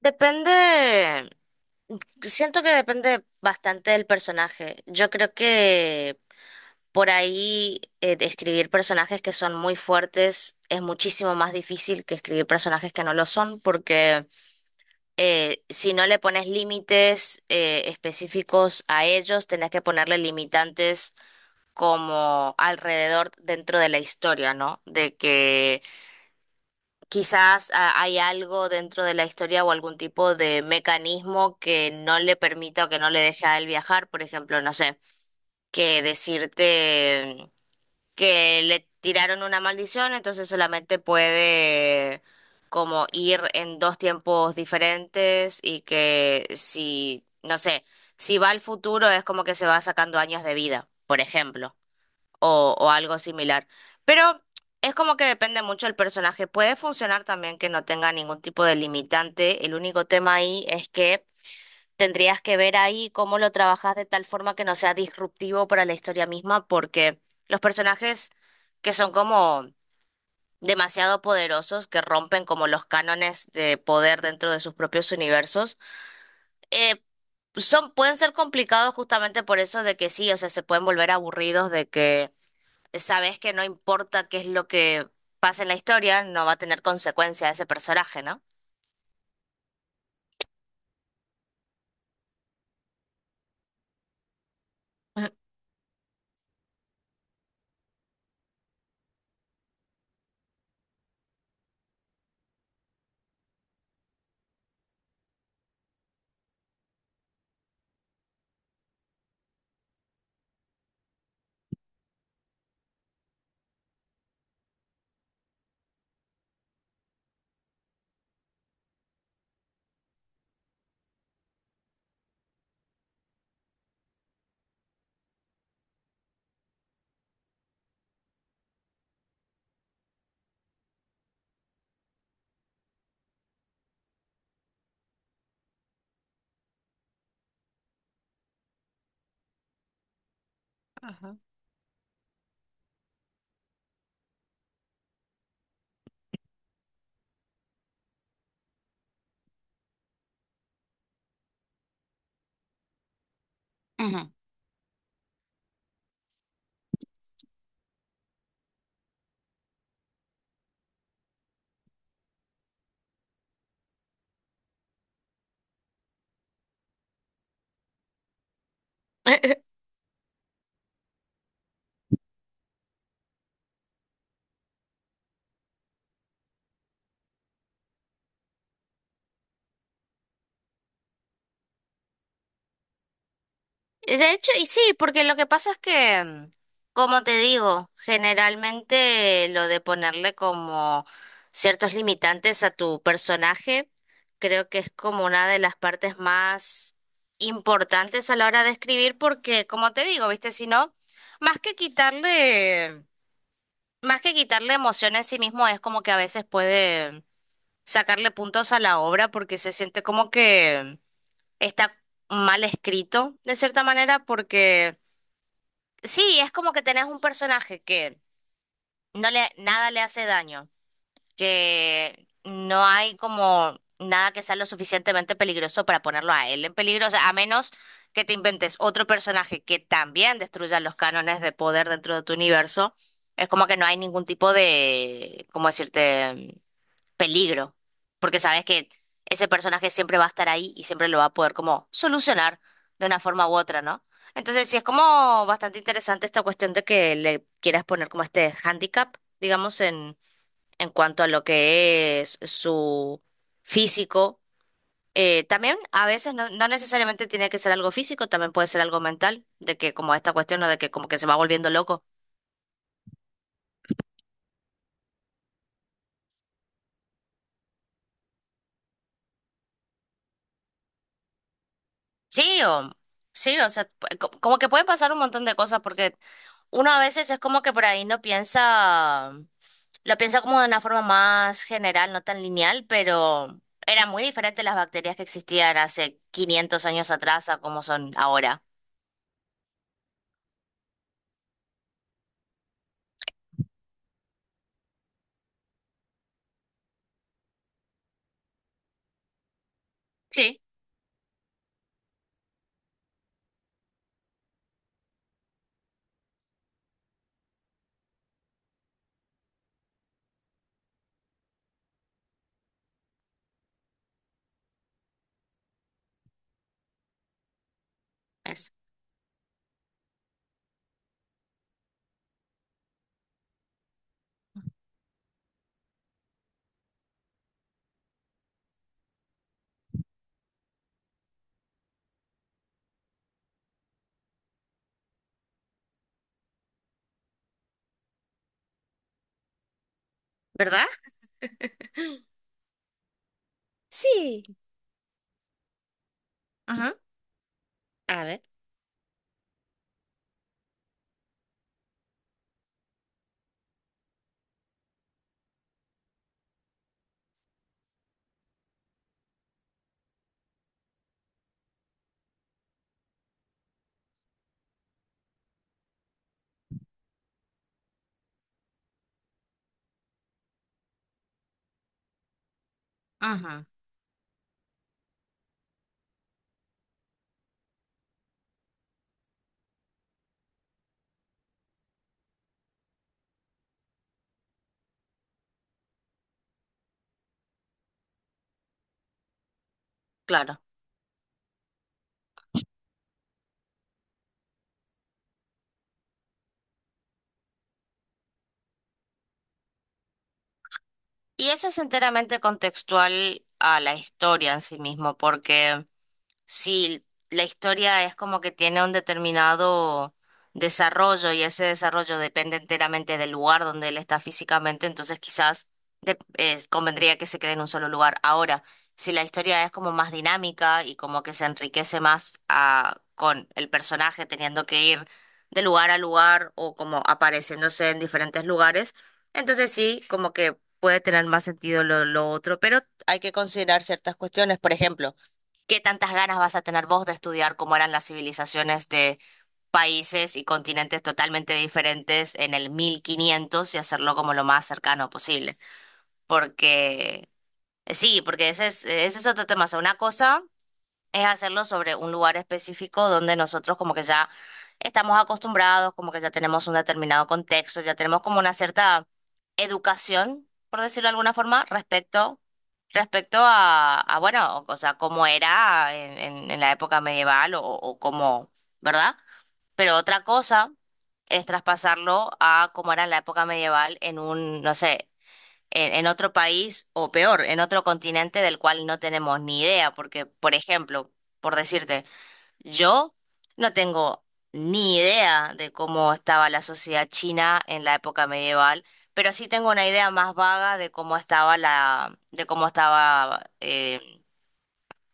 Depende, siento que depende bastante del personaje. Yo creo que por ahí de escribir personajes que son muy fuertes es muchísimo más difícil que escribir personajes que no lo son, porque si no le pones límites específicos a ellos, tenés que ponerle limitantes como alrededor dentro de la historia, ¿no? De que Quizás hay algo dentro de la historia o algún tipo de mecanismo que no le permita o que no le deje a él viajar, por ejemplo, no sé, que decirte que le tiraron una maldición, entonces solamente puede como ir en dos tiempos diferentes y que si, no sé, si va al futuro es como que se va sacando años de vida, por ejemplo o algo similar. Pero es como que depende mucho del personaje. Puede funcionar también que no tenga ningún tipo de limitante. El único tema ahí es que tendrías que ver ahí cómo lo trabajas de tal forma que no sea disruptivo para la historia misma, porque los personajes que son como demasiado poderosos, que rompen como los cánones de poder dentro de sus propios universos, eh, son, pueden ser complicados justamente por eso de que sí, o sea, se pueden volver aburridos de que sabes que no importa qué es lo que pase en la historia, no va a tener consecuencia a ese personaje, ¿no? Ujú. De hecho, y sí, porque lo que pasa es que, como te digo, generalmente lo de ponerle como ciertos limitantes a tu personaje, creo que es como una de las partes más importantes a la hora de escribir, porque, como te digo, viste, si no, más que quitarle, más que quitarle emoción en sí mismo, es como que a veces puede sacarle puntos a la obra porque se siente como que está mal escrito de cierta manera porque sí, es como que tenés un personaje que no le nada le hace daño, que no hay como nada que sea lo suficientemente peligroso para ponerlo a él en peligro, o sea, a menos que te inventes otro personaje que también destruya los cánones de poder dentro de tu universo. Es como que no hay ningún tipo de, ¿cómo decirte? Peligro, porque sabes que ese personaje siempre va a estar ahí y siempre lo va a poder como solucionar de una forma u otra, ¿no? Entonces, sí es como bastante interesante esta cuestión de que le quieras poner como este handicap, digamos, en cuanto a lo que es su físico. También a veces no, no necesariamente tiene que ser algo físico, también puede ser algo mental, de que como esta cuestión, ¿no? de que como que se va volviendo loco. Sí, sí, o sea, como que pueden pasar un montón de cosas porque uno a veces es como que por ahí no piensa, lo piensa como de una forma más general, no tan lineal, pero era muy diferente las bacterias que existían hace 500 años atrás a como son ahora. Sí, es. ¿Verdad? Sí. Ajá. A ver. Ujú, claro. Y eso es enteramente contextual a la historia en sí mismo, porque sí, la historia es como que tiene un determinado desarrollo y ese desarrollo depende enteramente del lugar donde él está físicamente, entonces quizás convendría que se quede en un solo lugar. Ahora, si la historia es como más dinámica y como que se enriquece más con el personaje teniendo que ir de lugar a lugar o como apareciéndose en diferentes lugares, entonces sí, como que puede tener más sentido lo otro, pero hay que considerar ciertas cuestiones, por ejemplo. ¿Qué tantas ganas vas a tener vos de estudiar cómo eran las civilizaciones de países y continentes totalmente diferentes en el 1500 y hacerlo como lo más cercano posible? Porque sí, porque ese es otro tema. O sea, una cosa es hacerlo sobre un lugar específico donde nosotros como que ya estamos acostumbrados, como que ya tenemos un determinado contexto, ya tenemos como una cierta educación, por decirlo de alguna forma, respecto, respecto a, bueno, o sea, cómo era en, en la época medieval o cómo, ¿verdad? Pero otra cosa es traspasarlo a cómo era en la época medieval en un, no sé, en otro país o peor, en otro continente del cual no tenemos ni idea, porque, por ejemplo, por decirte, yo no tengo ni idea de cómo estaba la sociedad china en la época medieval, pero sí tengo una idea más vaga de cómo estaba la, de cómo estaba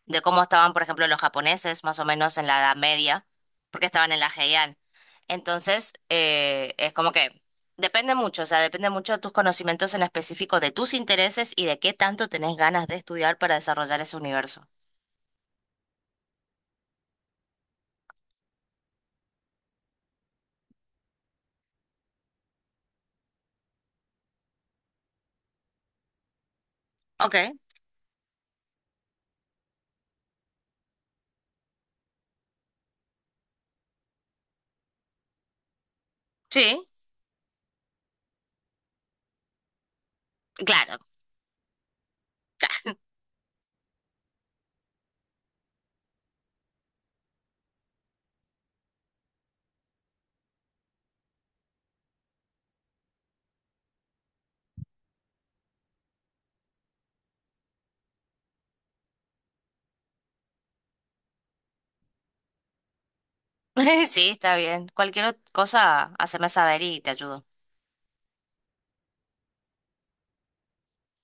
de cómo estaban, por ejemplo, los japoneses, más o menos en la Edad Media, porque estaban en la Heian. Entonces, es como que depende mucho, o sea, depende mucho de tus conocimientos en específico, de tus intereses y de qué tanto tenés ganas de estudiar para desarrollar ese universo. Ok. Sí, claro. Sí, está bien. Cualquier cosa, haceme saber y te ayudo.